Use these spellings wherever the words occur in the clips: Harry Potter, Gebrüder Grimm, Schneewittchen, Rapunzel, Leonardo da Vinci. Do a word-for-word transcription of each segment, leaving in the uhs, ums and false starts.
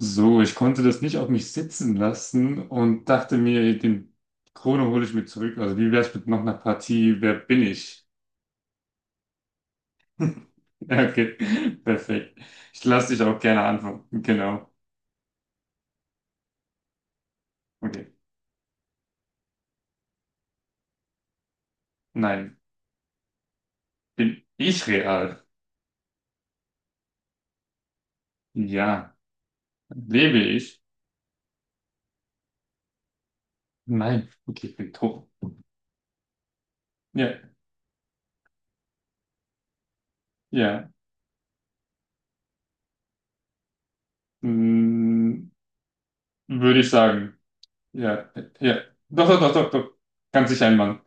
So, ich konnte das nicht auf mich sitzen lassen und dachte mir, ey, den Krone hole ich mir zurück. Also wie wär's mit noch einer Partie? Wer bin ich? Ja, okay, perfekt. Ich lasse dich auch gerne antworten. Genau. Okay. Nein. Bin ich real? Ja. Lebe ich? Nein. Okay, ich bin tot. Ja, ja. Mm, würde ich sagen. Ja, ja. Doch, doch, doch, doch, doch. Ganz sicher ein Mann.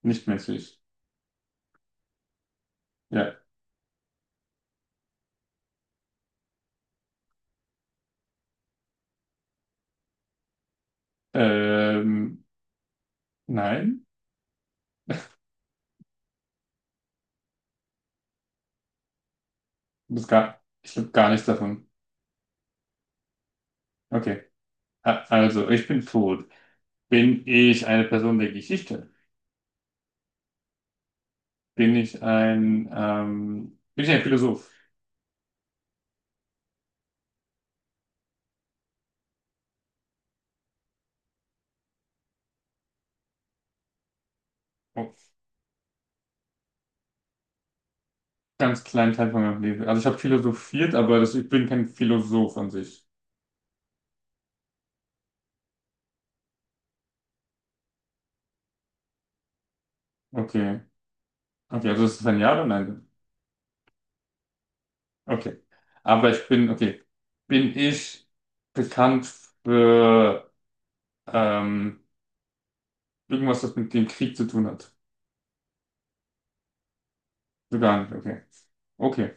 Nicht menschlich. Ja. Ähm, nein. Das gar, ich habe gar nichts davon. Okay. A- Also, ich bin tot. Bin ich eine Person der Geschichte? Bin ich ein, ähm, bin ich ein Philosoph? Oh, ganz kleinen Teil von meinem Leben. Also, ich habe philosophiert, aber das, ich bin kein Philosoph an sich. Okay. Okay, also, das ist ein Ja oder Nein? Okay. Aber ich bin, okay. Bin ich bekannt für, ähm, irgendwas, das mit dem Krieg zu tun hat? So gar nicht, okay. Okay.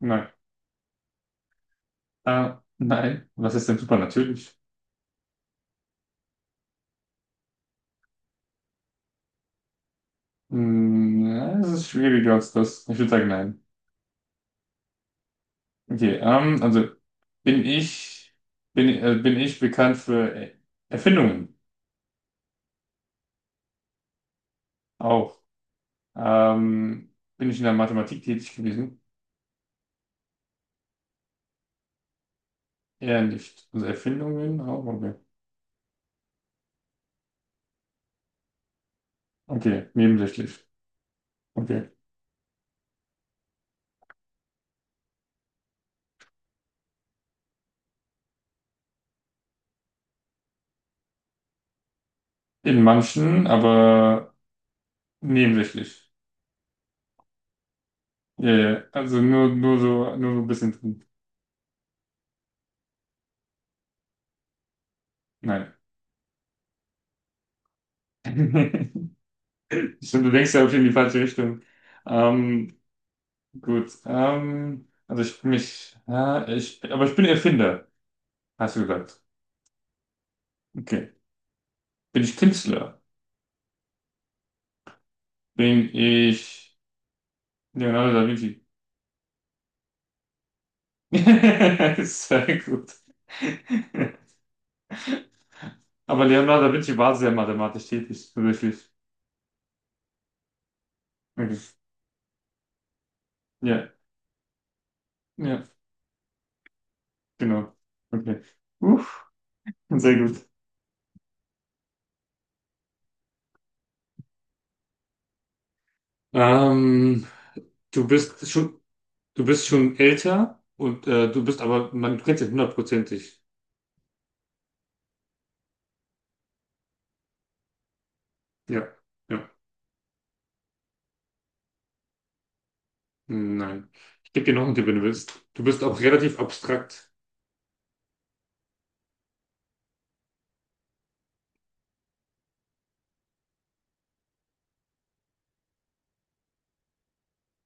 Nein. Äh, nein. Was ist denn supernatürlich? Hm, ja, es ist schwieriger als das. Ich würde sagen, nein. Okay, ähm, also bin ich, bin, äh, bin ich bekannt für Er- Erfindungen? Auch. Ähm, bin ich in der Mathematik tätig gewesen? Eher nicht. Also Erfindungen auch, okay. Okay, nebensächlich. Okay. In manchen, aber nebensächlich. Ja, ja. Also nur, nur so, nur so ein bisschen drin. Nein. Stimmt, du denkst ja auch in die falsche Richtung. Ähm, Gut. Ähm, also ich bin mich, ja, ich, aber ich bin Erfinder, hast du gesagt. Okay. Bin ich Künstler? Bin ich Leonardo da Vinci? Sehr gut. Aber Leonardo da Vinci war sehr mathematisch tätig, tatsächlich. Okay. Ja, ja, genau. Okay. Uff, sehr gut. Ähm, Du bist schon, du bist schon älter und äh, du bist aber, man kennt dich hundertprozentig. Ja, ja. Nein. Ich gebe dir noch einen Tipp, wenn du willst. Du bist auch relativ abstrakt.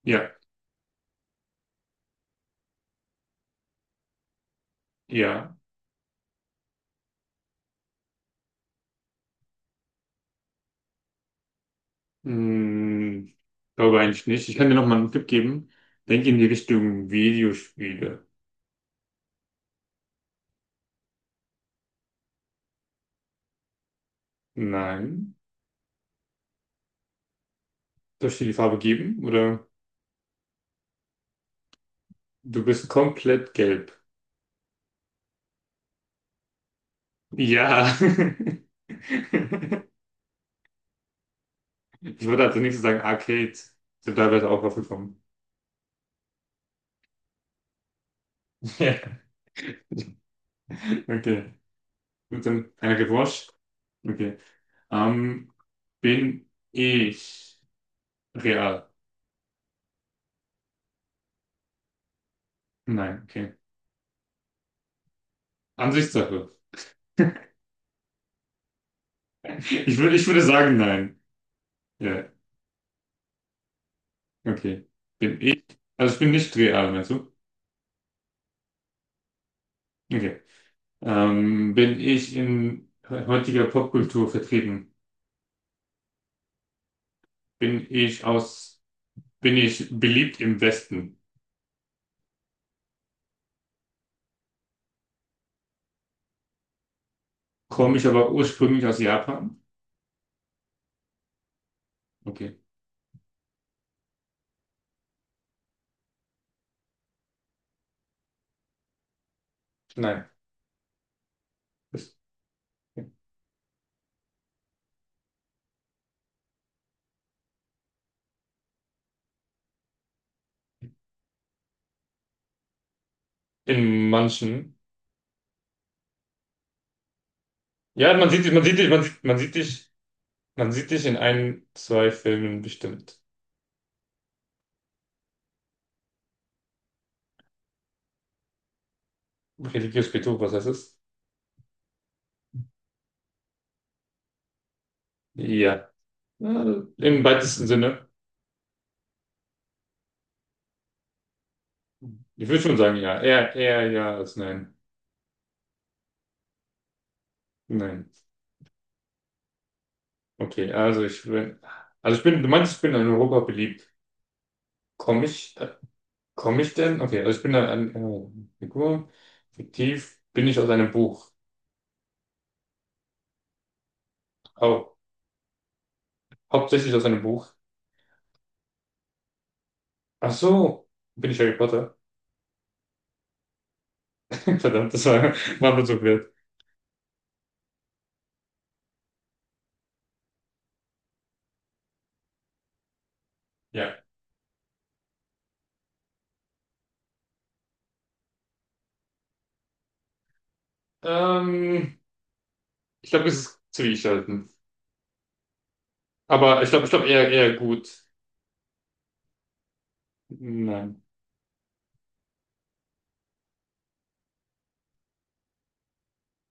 Ja, ja. Hm, glaube eigentlich nicht. Ich kann dir noch mal einen Tipp geben. Denk in die Richtung Videospiele. Nein. Soll ich dir die Farbe geben? Oder du bist komplett gelb. Ja. Ich würde als nächstes sagen Arcade. Sind teilweise auch aufgekommen. Ja. Okay. Gut, dann eine Revanche. Okay. Ähm, Bin ich real? Nein, okay. Ansichtssache. Ich würde, ich würde sagen, nein. Ja, okay. Bin ich, also ich bin nicht real, meinst du? Okay. Ähm, bin ich in heutiger Popkultur vertreten? Bin ich aus, Bin ich beliebt im Westen? Komme ich aber ursprünglich aus Japan? Okay. Nein. Das- okay. In manchen. Ja, man sieht dich, man sieht dich, man sieht, man sieht dich, man sieht dich in ein, zwei Filmen bestimmt. Religiös Betrug, was heißt das? Ja. Ja, im weitesten Sinne. Ich würde schon sagen, ja. Eher, eher ja als nein. Nein. Okay, also ich bin, also ich bin, du meinst, ich bin in Europa beliebt. Komme ich, äh, Komme ich denn? Okay, also ich bin eine, eine Figur. Fiktiv bin ich aus einem Buch. Au, hauptsächlich aus einem Buch. Ach so, bin ich Harry Potter? Verdammt, das war, war mir so wert. Ja. Ähm, Ich glaube, es ist zwiegespalten. Aber ich glaube, ich glaube eher, eher gut. Nein.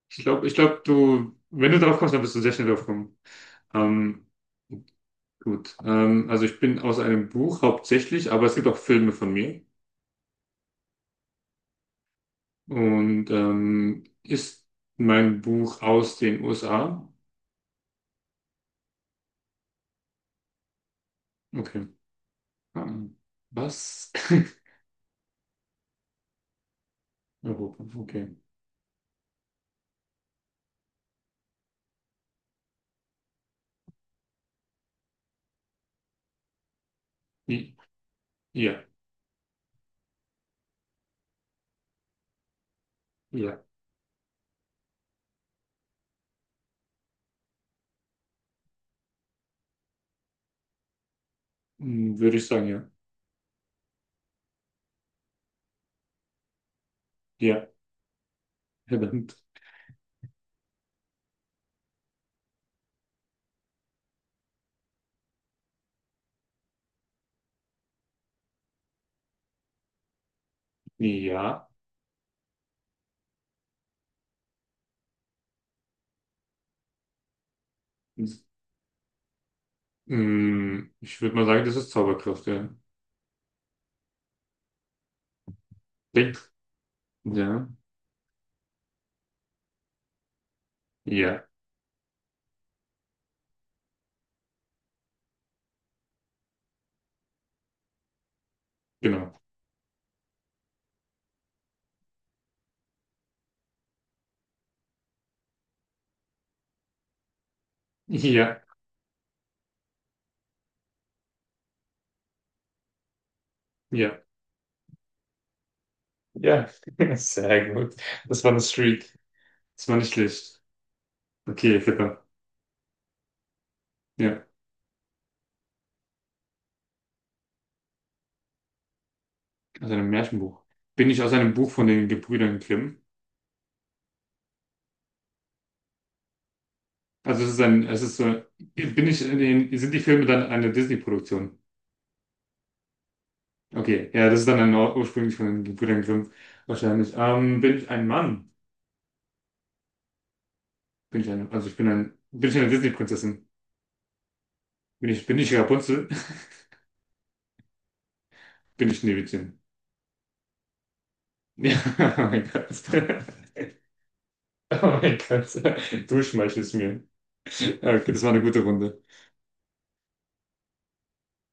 Ich glaube, ich glaube, du, wenn du drauf kommst, dann bist du sehr schnell drauf kommen. Ähm, Gut, ähm, also ich bin aus einem Buch hauptsächlich, aber es gibt auch Filme von mir. Und ähm, ist mein Buch aus den U S A? Okay. Ähm, was? Europa, okay. I- Ja, ja. Hm, würde ich sagen, ja. Ja, verdammt. Ja. Hm, ich würde mal sagen, das ist Zauberkraft, ja. Denk. Ja, ja, genau. Ja, ja. Ja, sehr gut. Das war eine Streak. Das war nicht schlecht. Okay, verdammt. Ja, aus einem Märchenbuch. Bin ich aus einem Buch von den Gebrüdern Grimm? Also es ist ein, es ist so, bin ich in den, sind die Filme dann eine Disney-Produktion? Okay, ja, das ist dann ein, Ur- ursprünglich von den Gebrüdern Grimm wahrscheinlich. Ähm, bin ich ein Mann? Bin ich ein, also ich bin ein, bin ich eine Disney-Prinzessin? Bin ich, bin ich Rapunzel? Bin ich Schneewittchen? Ja, oh mein Gott. Oh mein Gott, du schmeichelst mir. Okay, das war eine gute Runde.